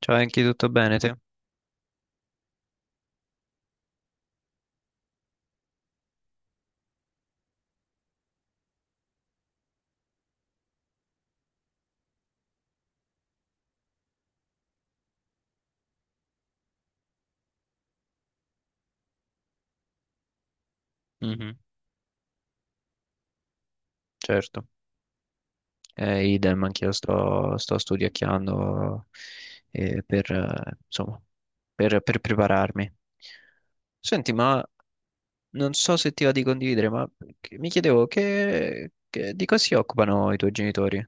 Ciao Enki, tutto bene te? Mhm, certo. Idem, anch'io sto studiacchiando eh, per, eh, insomma, per prepararmi. Senti, ma non so se ti va di condividere, ma mi chiedevo di cosa si occupano i tuoi genitori?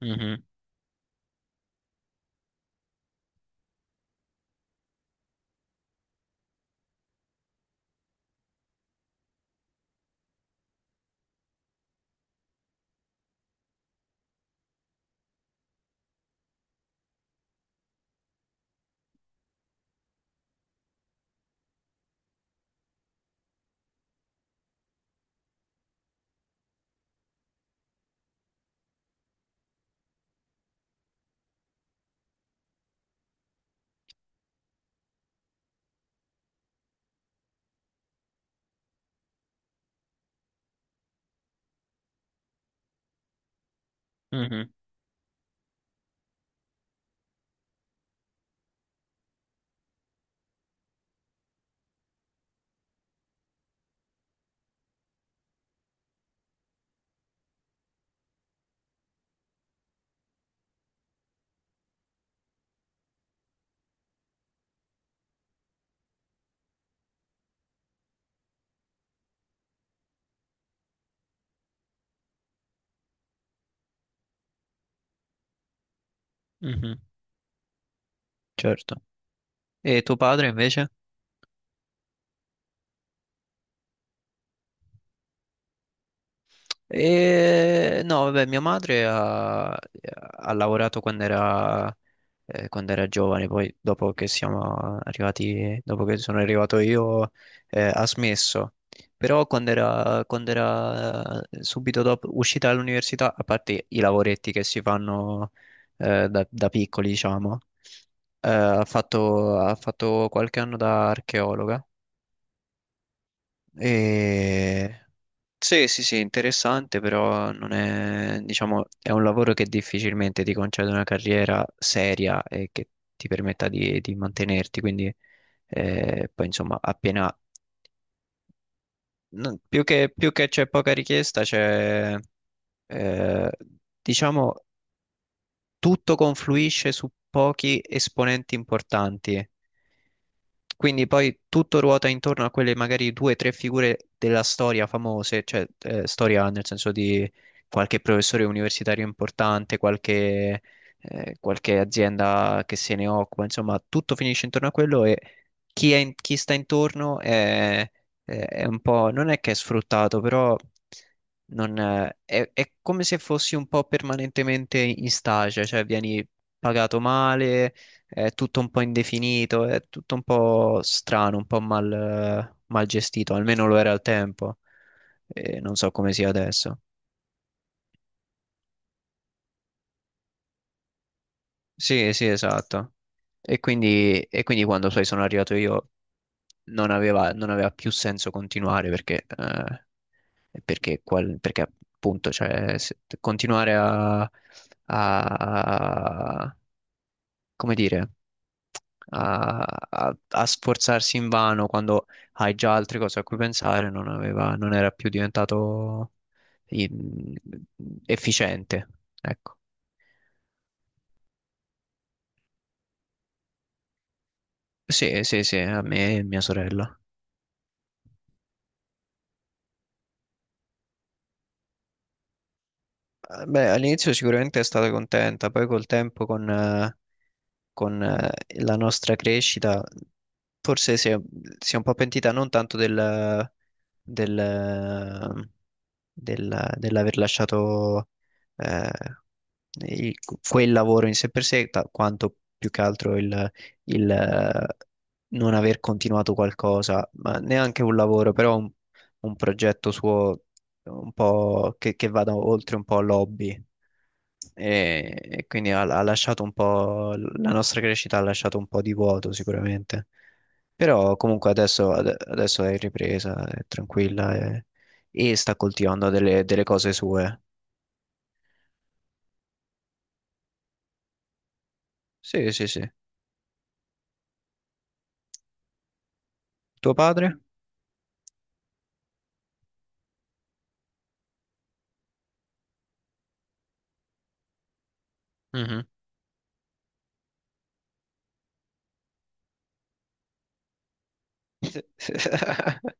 Mhm, mhm, mhm. Certo. E tuo padre invece? E no, vabbè, mia madre ha lavorato quando quando era giovane, poi dopo che siamo arrivati, dopo che sono arrivato io, ha smesso. Però quando quando era subito dopo uscita dall'università, a parte i lavoretti che si fanno da piccoli, diciamo, ha fatto qualche anno da archeologa e... Sì, sì, sì, interessante, però non è, diciamo, è un lavoro che difficilmente ti concede una carriera seria e che ti permetta di mantenerti, quindi poi insomma più che c'è poca richiesta, eh, diciamo, tutto confluisce su pochi esponenti importanti. Quindi poi tutto ruota intorno a quelle magari due o tre figure della storia famose, cioè storia nel senso di qualche professore universitario importante, qualche azienda che se ne occupa, insomma, tutto finisce intorno a quello e chi sta intorno è un po', non è che è sfruttato, però non, è come se fossi un po' permanentemente in stage, cioè vieni pagato male, è tutto un po' indefinito, è tutto un po' strano, un po' mal gestito, almeno lo era al tempo, e non so come sia adesso. Sì, sì, esatto. E quindi quando poi sono arrivato io non aveva più senso continuare perché appunto cioè, continuare a, a- come dire, a, a sforzarsi invano quando hai già altre cose a cui pensare, non era più diventato in- efficiente. Ecco. Sì, sì, sì, a me e mia sorella. Beh, all'inizio sicuramente è stata contenta, poi col tempo con la nostra crescita, forse si è un po' pentita non tanto del, dell'aver lasciato eh, il- quel lavoro in sé per sé, quanto più che altro il, eh, non aver continuato qualcosa, ma neanche un lavoro, però un progetto suo un po' che vada oltre un po' l'hobby e quindi ha lasciato un po', la nostra crescita ha lasciato un po' di vuoto sicuramente, però comunque adesso, adesso è in ripresa, è tranquilla e sta coltivando delle cose sue. Sì, sì, sì. Tuo padre? Mhm.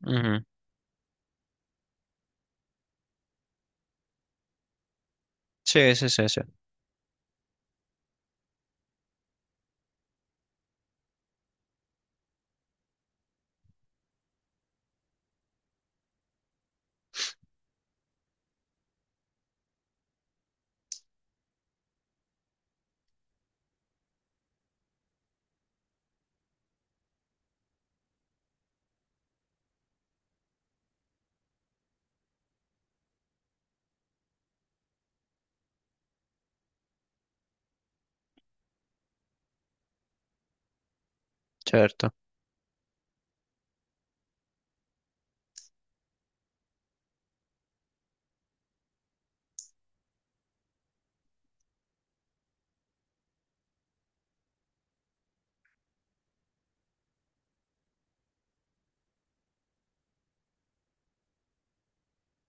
Mhm. Sì, sì, sì, sì, certo.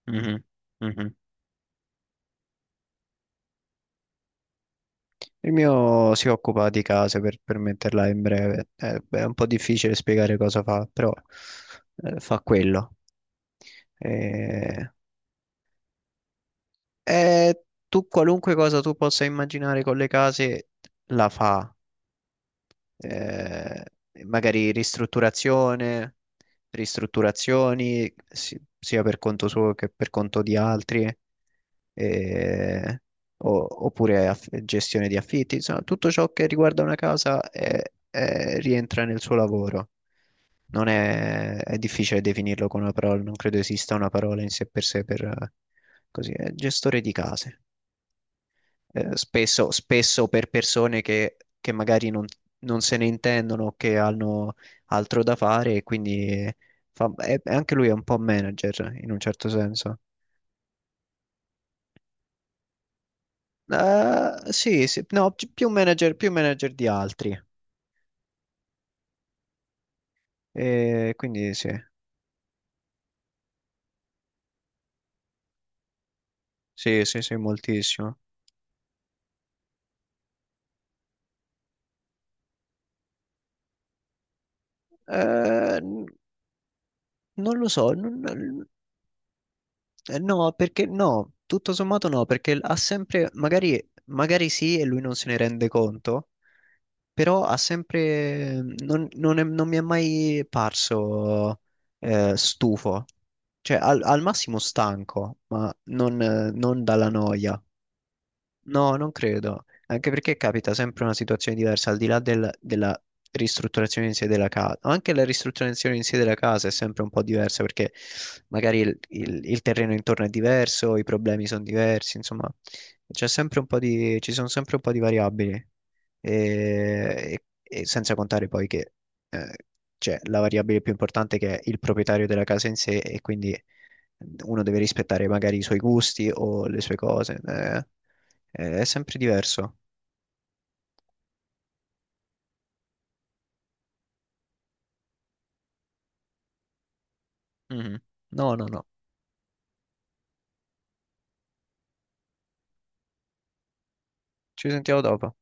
Mhm. Mhm. Il mio si occupa di case per metterla in breve. Beh, è un po' difficile spiegare cosa fa, però fa quello. Eh, eh, Tu qualunque cosa tu possa immaginare con le case la fa. eh, Magari ristrutturazione, sia per conto suo che per conto di altri, eh, oppure gestione di affitti, insomma, tutto ciò che riguarda una casa rientra nel suo lavoro. Non è, è difficile definirlo con una parola, non credo esista una parola in sé per così, è gestore di case spesso per persone che magari non se ne intendono, che hanno altro da fare e quindi anche lui è un po' manager in un certo senso. Sì, sì, no, più manager di altri. E quindi sì, sì, sì, sì, moltissimo. Eh, n- Non lo so, no, perché no, tutto sommato no, perché ha sempre, magari sì e lui non se ne rende conto, però ha sempre, mhmm, non, non non mi è mai parso stufo, cioè al massimo stanco, ma non dalla noia. No, non credo, anche perché capita sempre una situazione diversa, al di là della ristrutturazione in sé della casa, anche la ristrutturazione in sé della casa è sempre un po' diversa perché magari il terreno intorno è diverso, i problemi sono diversi, insomma, c'è sempre un po' ci sono sempre un po' di variabili e, e senza contare poi che eh, c'è la variabile più importante che è il proprietario della casa in sé e quindi uno deve rispettare magari i suoi gusti o le sue cose. È sempre diverso. Mhm. No, no, no. Ci sentiamo dopo.